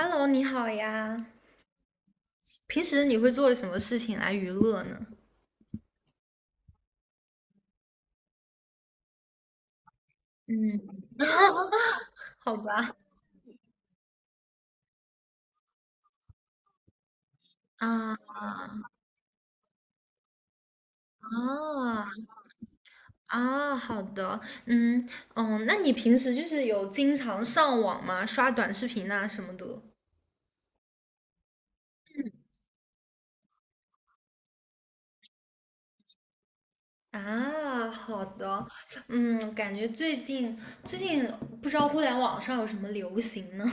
Hello，你好呀。平时你会做什么事情来娱乐呢？嗯，好吧。啊啊啊，好的。嗯嗯，那你平时就是有经常上网吗？刷短视频啊什么的？啊，好的。嗯，感觉最近不知道互联网上有什么流行呢？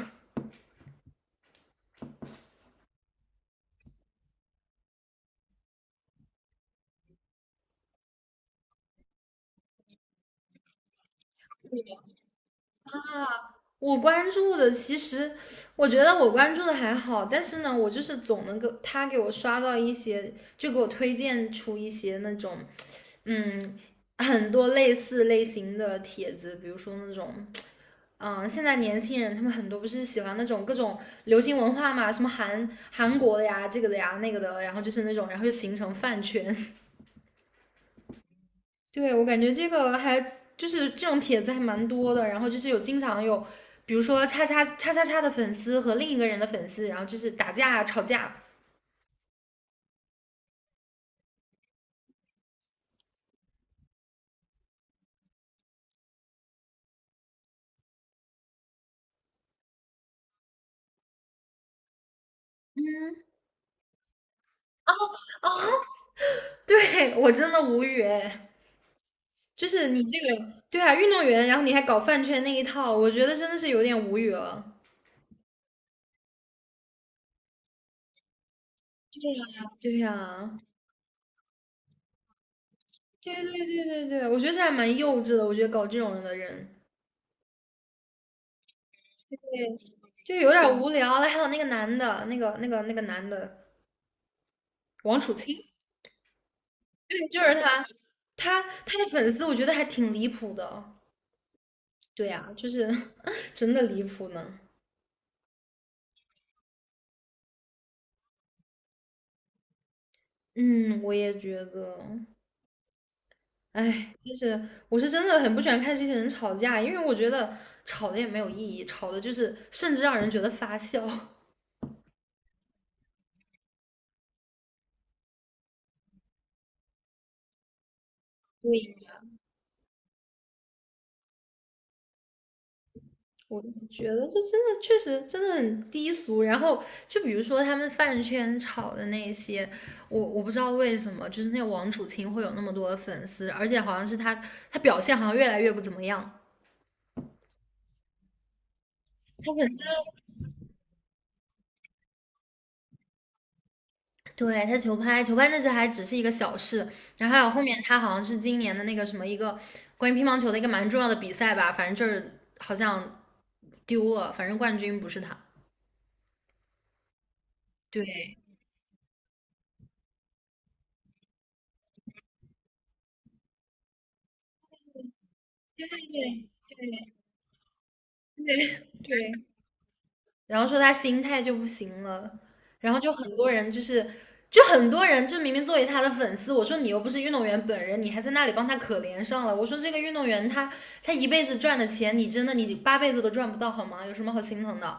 我关注的其实，我觉得我关注的还好，但是呢，我就是总能够他给我刷到一些，就给我推荐出一些那种，嗯，很多类似类型的帖子，比如说那种，嗯，现在年轻人他们很多不是喜欢那种各种流行文化嘛，什么韩国的呀，这个的呀，那个的，然后就是那种，然后就形成饭圈。对，我感觉这个还就是这种帖子还蛮多的，然后就是有经常有，比如说叉叉叉叉叉的粉丝和另一个人的粉丝，然后就是打架啊吵架。嗯哦，对，我真的无语哎，就是你这个，对啊，运动员，然后你还搞饭圈那一套，我觉得真的是有点无语了。对呀，对呀，对对对对对，我觉得这还蛮幼稚的，我觉得搞这种人的人对就有点无聊了。还有那个男的，那个男的王楚钦，对，就是他，他的粉丝我觉得还挺离谱的。对呀，就是 真的离谱呢。嗯，我也觉得，哎，就是我是真的很不喜欢看这些人吵架，因为我觉得吵的也没有意义，吵的就是甚至让人觉得发笑。对，我觉得这真的确实真的很低俗。然后就比如说他们饭圈吵的那些，我不知道为什么，就是那个王楚钦会有那么多的粉丝，而且好像是他他表现好像越来越不怎么样。他粉丝对他球拍，球拍那时还只是一个小事，然后还有后面他好像是今年的那个什么一个关于乒乓球的一个蛮重要的比赛吧，反正就是好像丢了，反正冠军不是他。对对对对对，然后说他心态就不行了，然后就很多人就是。就很多人就明明作为他的粉丝，我说你又不是运动员本人，你还在那里帮他可怜上了。我说这个运动员他一辈子赚的钱，你真的你八辈子都赚不到好吗？有什么好心疼的？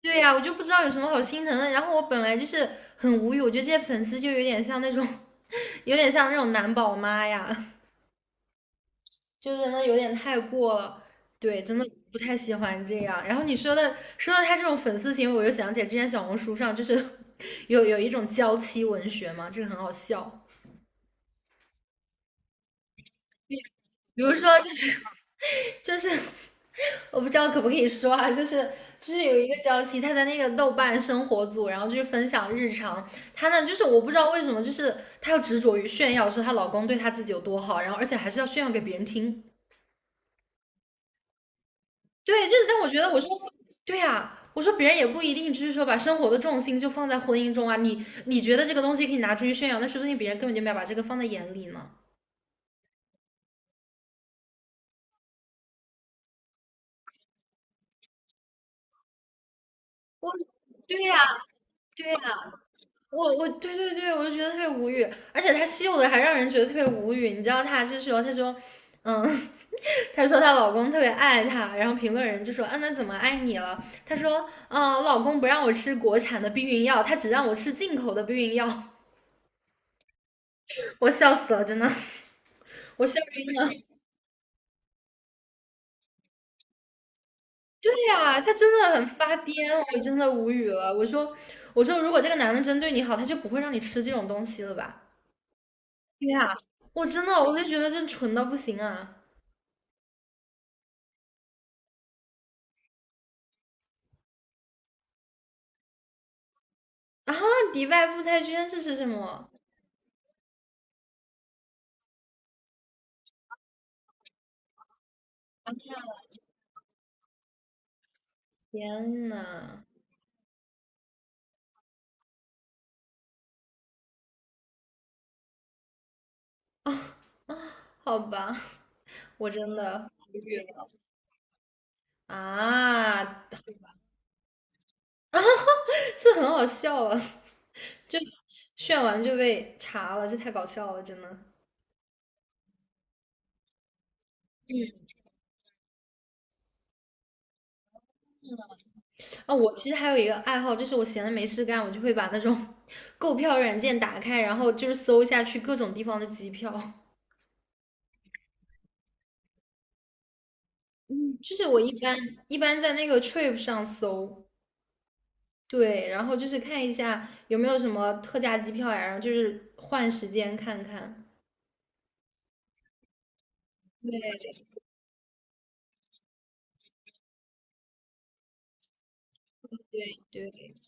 对呀，我就不知道有什么好心疼的。然后我本来就是很无语，我觉得这些粉丝就有点像那种，有点像那种男宝妈呀，就真的有点太过了。对，真的不太喜欢这样。然后你说的说到他这种粉丝行为，我就想起来之前小红书上就是 有一种娇妻文学嘛，这个很好笑。比如说，就是 就是，我不知道可不可以说啊，就是有一个娇妻，她在那个豆瓣生活组，然后就是分享日常。她呢，就是我不知道为什么，就是她要执着于炫耀，说她老公对她自己有多好，然后而且还是要炫耀给别人听。对，就是，但我觉得，我说，对呀，我说别人也不一定就是说把生活的重心就放在婚姻中啊。你觉得这个东西可以拿出去炫耀，那说不定别人根本就没有把这个放在眼里呢。我，对呀，对呀、我对对对，我就觉得特别无语，而且他秀的还让人觉得特别无语。你知道他就是说，他说，嗯，他说她老公特别爱她，然后评论人就说，嗯，那怎么爱你了？她说，嗯，我老公不让我吃国产的避孕药，他只让我吃进口的避孕药，我笑死了，真的，我笑晕了。对呀，他真的很发癫，我真的无语了。我说，我说，如果这个男的真对你好，他就不会让你吃这种东西了吧？对呀，我真的，我就觉得真蠢到不行啊。啊，迪拜富太圈这是什么？啊天呐，哦好吧，我真的无语了啊！这很好笑啊，就炫完就被查了，这太搞笑了，真的。啊，我其实还有一个爱好，就是我闲的没事干，我就会把那种 购票软件打开，然后就是搜一下去各种地方的机票。就是我一般在那个 Trip 上搜，对，然后就是看一下有没有什么特价机票呀，然后就是换时间看看。对对对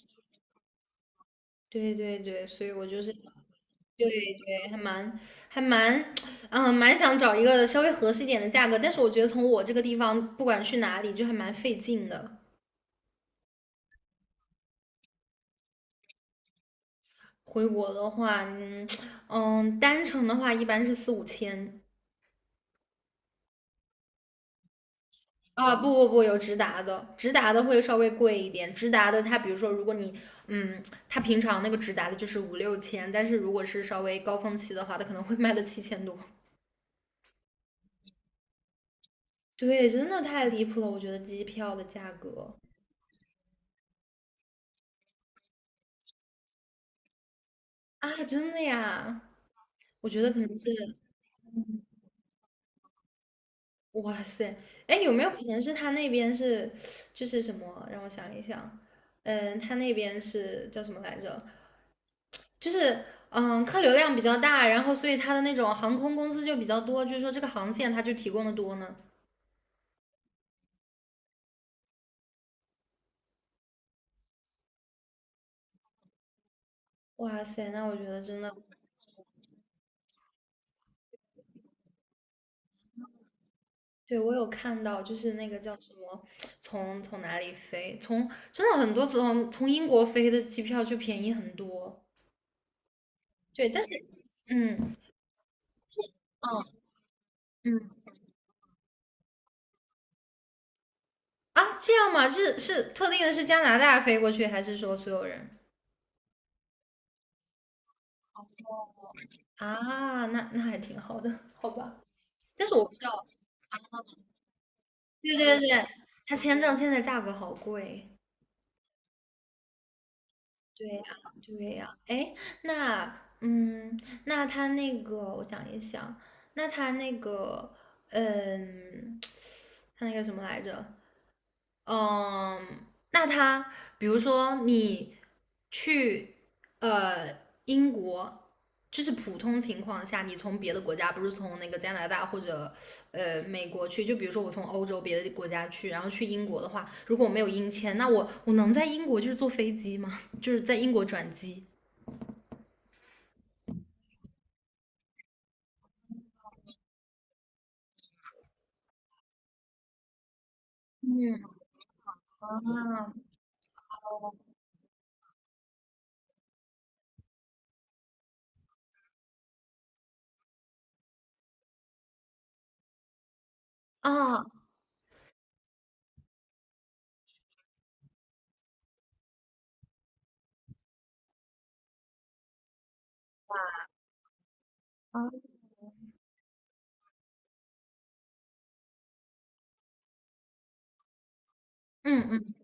对对对，所以我就是对对，还蛮还蛮，嗯，蛮想找一个稍微合适一点的价格，但是我觉得从我这个地方，不管去哪里，就还蛮费劲的。回国的话，嗯嗯，单程的话一般是4、5千，啊，不不不，有直达的，直达的会稍微贵一点。直达的，它比如说，如果你，嗯，它平常那个直达的就是5、6千，但是如果是稍微高峰期的话，它可能会卖到7000多。对，真的太离谱了，我觉得机票的价格啊，真的呀，我觉得可能是，哇塞，哎，有没有可能是他那边是，就是什么？让我想一想，嗯，他那边是叫什么来着？就是嗯，客流量比较大，然后所以它的那种航空公司就比较多，就是说这个航线它就提供的多呢。哇塞，那我觉得真的，对我有看到，就是那个叫什么，从哪里飞，从真的很多从英国飞的机票就便宜很多。对，但是嗯嗯嗯啊，这样吗？是是特定的是加拿大飞过去，还是说所有人？啊，那那还挺好的，好吧。但是我不知道，对对对，他签证现在价格好贵。对呀，对呀，哎，那，嗯，那他那个，我想一想，那他那个，嗯，他那个什么来着？嗯，那他比如说你去呃英国，就是普通情况下，你从别的国家，不是从那个加拿大或者美国去，就比如说我从欧洲别的国家去，然后去英国的话，如果我没有英签，那我能在英国就是坐飞机吗？就是在英国转机？嗯啊啊啊！嗯嗯，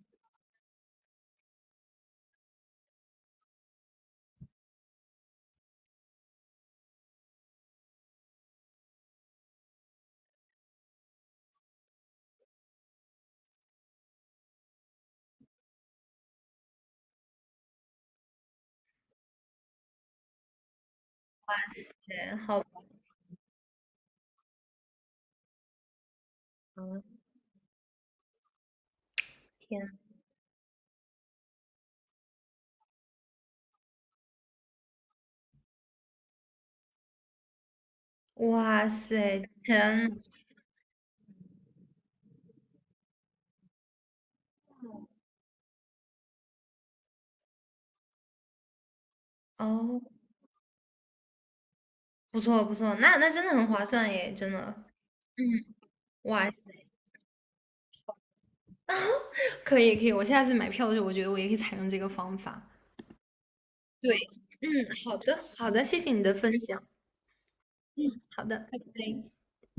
对，好吧，嗯天，哇塞，天，哦。不错不错，那那真的很划算耶，真的。嗯，哇塞可以可以，我下次买票的时候，我觉得我也可以采用这个方法。对，嗯，好的好的，谢谢你的分享。嗯，好的，拜拜。